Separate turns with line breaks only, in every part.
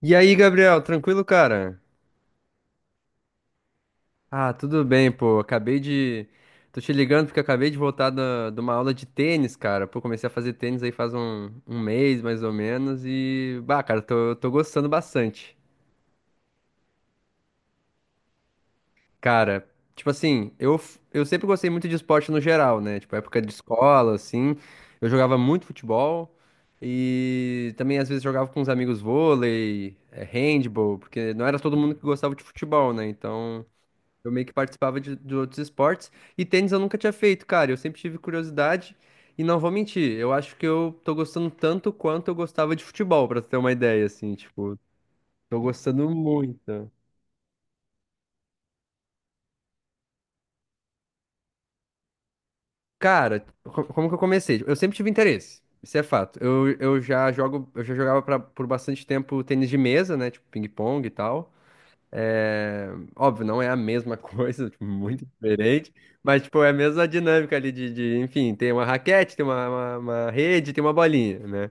E aí, Gabriel, tranquilo, cara? Ah, tudo bem, pô. Acabei de. Tô te ligando porque eu acabei de voltar de uma aula de tênis, cara. Pô, comecei a fazer tênis aí faz um mês, mais ou menos, e. Bah, cara, tô gostando bastante. Cara, tipo assim, eu sempre gostei muito de esporte no geral, né? Tipo, época de escola, assim. Eu jogava muito futebol e também às vezes jogava com os amigos vôlei, handball, porque não era todo mundo que gostava de futebol, né? Então. Eu meio que participava de outros esportes. E tênis eu nunca tinha feito, cara. Eu sempre tive curiosidade. E não vou mentir, eu acho que eu tô gostando tanto quanto eu gostava de futebol, pra tu ter uma ideia, assim, tipo, tô gostando muito. Cara, como que eu comecei? Eu sempre tive interesse, isso é fato. Eu já jogo, eu já jogava por bastante tempo tênis de mesa, né? Tipo, ping-pong e tal. É, óbvio, não é a mesma coisa, tipo, muito diferente, mas tipo, é a mesma dinâmica ali de, enfim, tem uma raquete, tem uma rede, tem uma bolinha, né?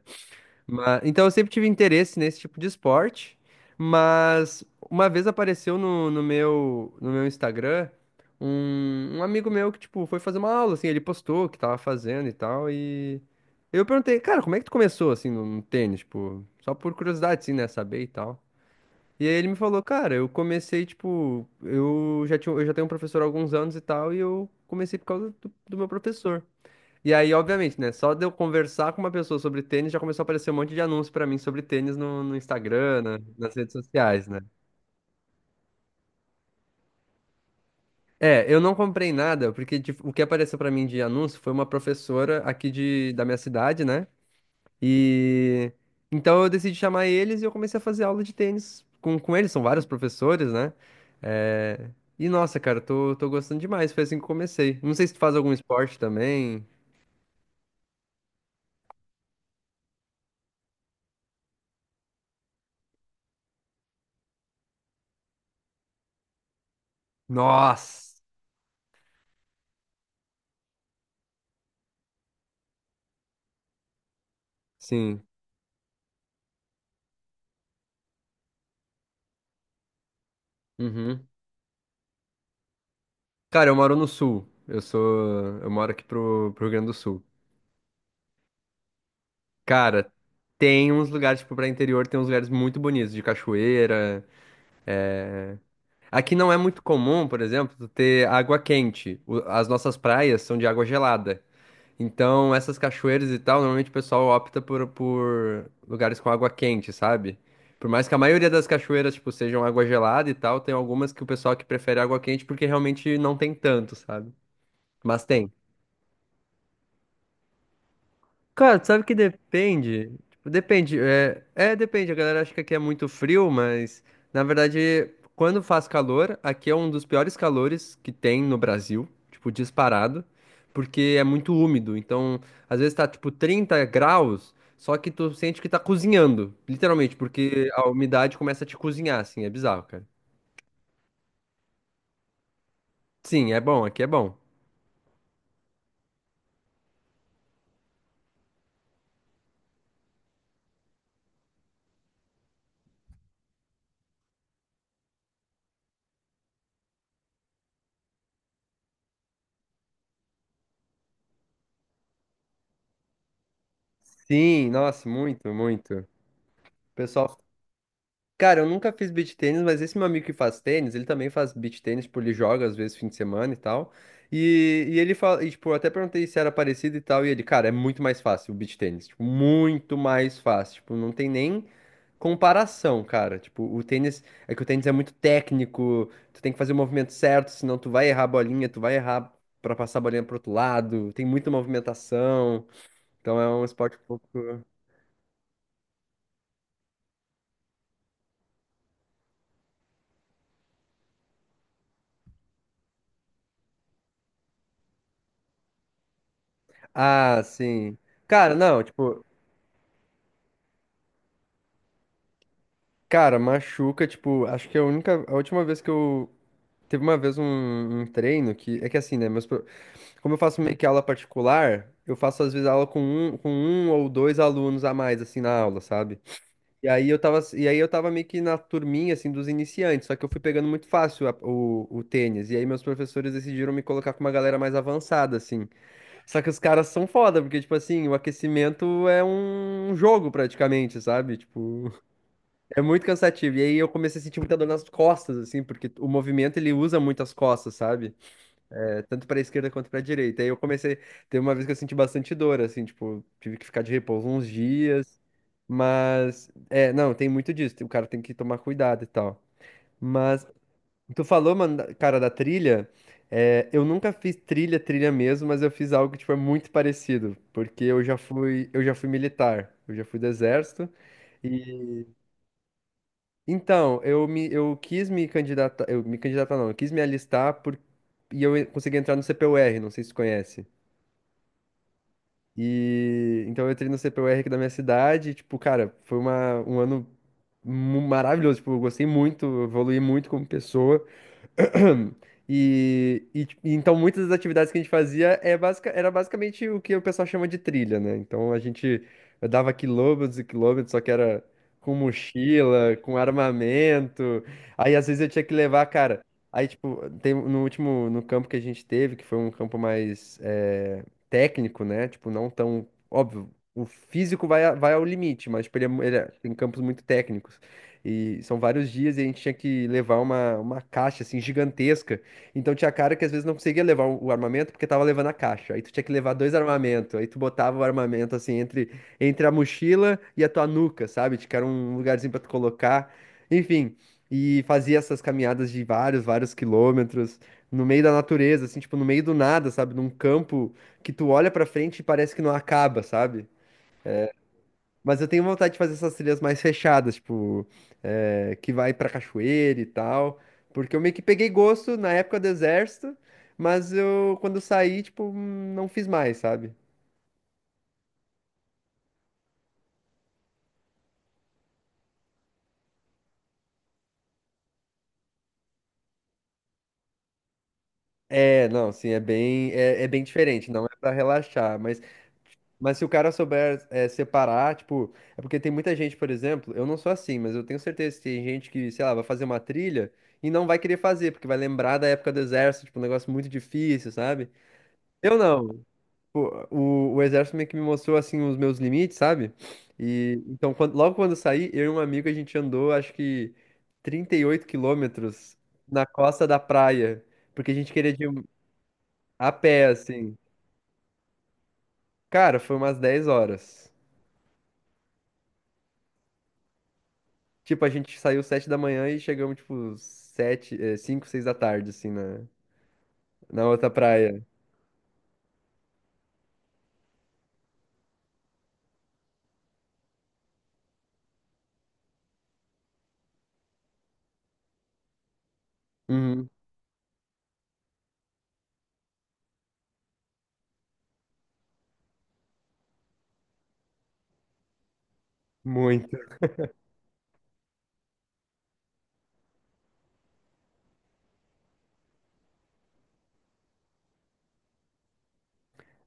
Mas, então eu sempre tive interesse nesse tipo de esporte, mas uma vez apareceu no meu Instagram um amigo meu que, tipo, foi fazer uma aula, assim, ele postou o que tava fazendo e tal, e eu perguntei, cara, como é que tu começou, assim, no tênis, tipo, só por curiosidade, assim, né, saber e tal. E aí ele me falou, cara, eu comecei, tipo, eu já tenho um professor há alguns anos e tal, e eu comecei por causa do meu professor. E aí, obviamente, né, só de eu conversar com uma pessoa sobre tênis, já começou a aparecer um monte de anúncio pra mim sobre tênis no Instagram, nas redes sociais, né? É, eu não comprei nada, porque tipo, o que apareceu pra mim de anúncio foi uma professora aqui da minha cidade, né? E então eu decidi chamar eles e eu comecei a fazer aula de tênis com eles, são vários professores, né? É, e nossa, cara, eu tô gostando demais, foi assim que eu comecei. Não sei se tu faz algum esporte também. Nossa! Sim. Uhum. Cara, eu moro no sul. Eu sou. Eu moro aqui pro Rio Grande do Sul. Cara, tem uns lugares, tipo, pra interior, tem uns lugares muito bonitos, de cachoeira. Aqui não é muito comum, por exemplo, tu ter água quente. As nossas praias são de água gelada. Então, essas cachoeiras e tal, normalmente o pessoal opta por lugares com água quente, sabe? Por mais que a maioria das cachoeiras, tipo, sejam água gelada e tal, tem algumas que o pessoal que prefere água quente porque realmente não tem tanto, sabe? Mas tem. Cara, sabe que depende? Tipo, depende. É, depende. A galera acha que aqui é muito frio, mas na verdade, quando faz calor, aqui é um dos piores calores que tem no Brasil, tipo, disparado, porque é muito úmido. Então, às vezes tá tipo 30 graus, só que tu sente que tá cozinhando, literalmente, porque a umidade começa a te cozinhar, assim, é bizarro, cara. Sim, é bom, aqui é bom. Sim, nossa, muito, muito. O pessoal. Cara, eu nunca fiz beach tênis, mas esse meu amigo que faz tênis, ele também faz beach tênis, tipo, ele joga às vezes fim de semana e tal. E ele fala, e, tipo, eu até perguntei se era parecido e tal, e ele, cara, é muito mais fácil o beach tênis, tipo, muito mais fácil, tipo, não tem nem comparação, cara. Tipo, o tênis, é que o tênis é muito técnico, tu tem que fazer o movimento certo, senão tu vai errar a bolinha, tu vai errar pra passar a bolinha pro outro lado, tem muita movimentação. Então é um esporte um pouco. Ah, sim. Cara, não, tipo. Cara, machuca, tipo, acho que é a única, a última vez que eu teve uma vez um treino que é que assim, né, como eu faço meio que aula particular, eu faço às vezes aula com um ou dois alunos a mais assim na aula, sabe? E aí eu tava meio que na turminha assim dos iniciantes, só que eu fui pegando muito fácil o tênis, e aí meus professores decidiram me colocar com uma galera mais avançada assim. Só que os caras são foda, porque tipo assim, o aquecimento é um jogo praticamente, sabe? Tipo, é muito cansativo. E aí eu comecei a sentir muita dor nas costas, assim, porque o movimento ele usa muito as costas, sabe? É, tanto pra esquerda quanto pra direita. Aí eu comecei. Teve uma vez que eu senti bastante dor, assim, tipo, tive que ficar de repouso uns dias. Mas, é, não, tem muito disso. O cara tem que tomar cuidado e tal. Mas, tu falou, mano, cara, da trilha. É, eu nunca fiz trilha, trilha mesmo, mas eu fiz algo que, tipo, é muito parecido. Porque eu já fui militar. Eu já fui do exército. Então, eu quis me candidatar, eu me candidatar não, eu quis me alistar por, e eu consegui entrar no CPUR, não sei se você conhece. E então eu entrei no CPUR aqui da minha cidade, e, tipo, cara, foi um ano maravilhoso, tipo, eu gostei muito, eu evoluí muito como pessoa. E, tipo, então muitas das atividades que a gente fazia era basicamente o que o pessoal chama de trilha, né? Então a gente dava quilômetros e quilômetros, só que era com mochila, com armamento. Aí às vezes eu tinha que levar, cara. Aí, tipo, tem, no campo que a gente teve, que foi um campo mais técnico, né? Tipo, não tão. Óbvio, o físico vai, vai ao limite, mas tipo, ele é mu- ele é- tem campos muito técnicos. E são vários dias e a gente tinha que levar uma caixa, assim, gigantesca. Então tinha cara que às vezes não conseguia levar o armamento porque tava levando a caixa. Aí tu tinha que levar dois armamentos. Aí tu botava o armamento, assim, entre a mochila e a tua nuca, sabe? Tipo, era um lugarzinho pra tu colocar. Enfim, e fazia essas caminhadas de vários, vários quilômetros no meio da natureza, assim, tipo, no meio do nada, sabe? Num campo que tu olha pra frente e parece que não acaba, sabe? Mas eu tenho vontade de fazer essas trilhas mais fechadas, tipo, que vai pra cachoeira e tal. Porque eu meio que peguei gosto na época do exército, mas eu, quando eu saí, tipo, não fiz mais, sabe? É, não, sim, é bem, é bem diferente, não é pra relaxar, mas, se o cara souber separar, tipo, é porque tem muita gente, por exemplo, eu não sou assim, mas eu tenho certeza que tem gente que, sei lá, vai fazer uma trilha e não vai querer fazer, porque vai lembrar da época do exército, tipo, um negócio muito difícil, sabe? Eu não. Pô, o exército meio que me mostrou assim os meus limites, sabe? E então logo quando eu saí, eu e um amigo a gente andou acho que 38 quilômetros na costa da praia, porque a gente queria de um, a pé assim. Cara, foi umas 10 horas. Tipo, a gente saiu 7 da manhã e chegamos tipo 7, 5, 6 da tarde assim na outra praia. Uhum, muito.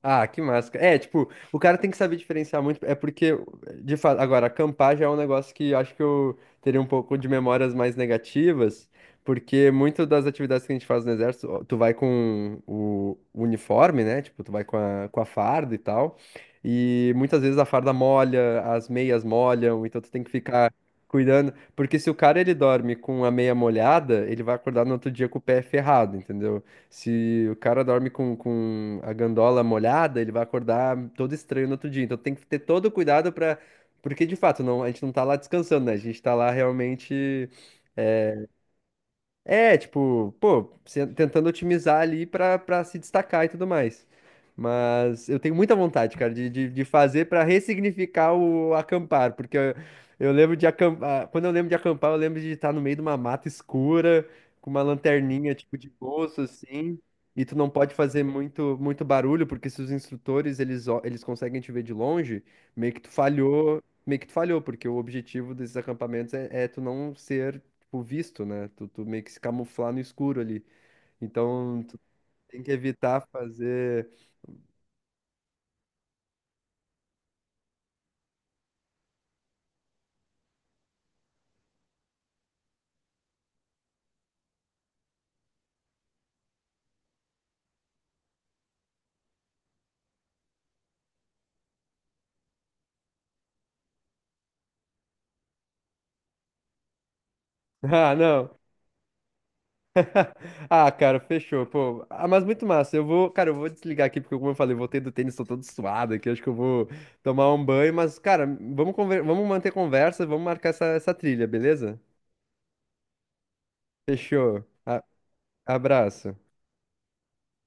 Ah, que máscara. É, tipo, o cara tem que saber diferenciar muito. É porque, de fato, agora, acampar já é um negócio que acho que eu teria um pouco de memórias mais negativas, porque muito das atividades que a gente faz no exército, ó, tu vai com o uniforme, né? Tipo, tu vai com a farda e tal. E muitas vezes a farda molha, as meias molham, então tu tem que ficar cuidando. Porque se o cara ele dorme com a meia molhada, ele vai acordar no outro dia com o pé ferrado, entendeu? Se o cara dorme com a gandola molhada, ele vai acordar todo estranho no outro dia. Então tem que ter todo o cuidado para. Porque de fato, não, a gente não tá lá descansando, né? A gente tá lá realmente. É, tipo, pô, tentando otimizar ali pra se destacar e tudo mais. Mas eu tenho muita vontade, cara, de fazer pra ressignificar o acampar, porque eu lembro de acampar, quando eu lembro de acampar, eu lembro de estar no meio de uma mata escura, com uma lanterninha tipo de bolso assim, e tu não pode fazer muito muito barulho, porque se os instrutores eles conseguem te ver de longe, meio que tu falhou, meio que tu falhou, porque o objetivo desses acampamentos é tu não ser o visto, né? Tu meio que se camuflar no escuro ali. Então, tu tem que evitar fazer. Ah, não. Ah, cara, fechou, pô. Ah, mas muito massa. Eu vou, cara, eu vou desligar aqui, porque como eu falei, eu voltei do tênis, tô todo suado aqui, acho que eu vou tomar um banho, mas, cara, vamos manter conversa, vamos marcar essa trilha, beleza? Fechou. Abraço.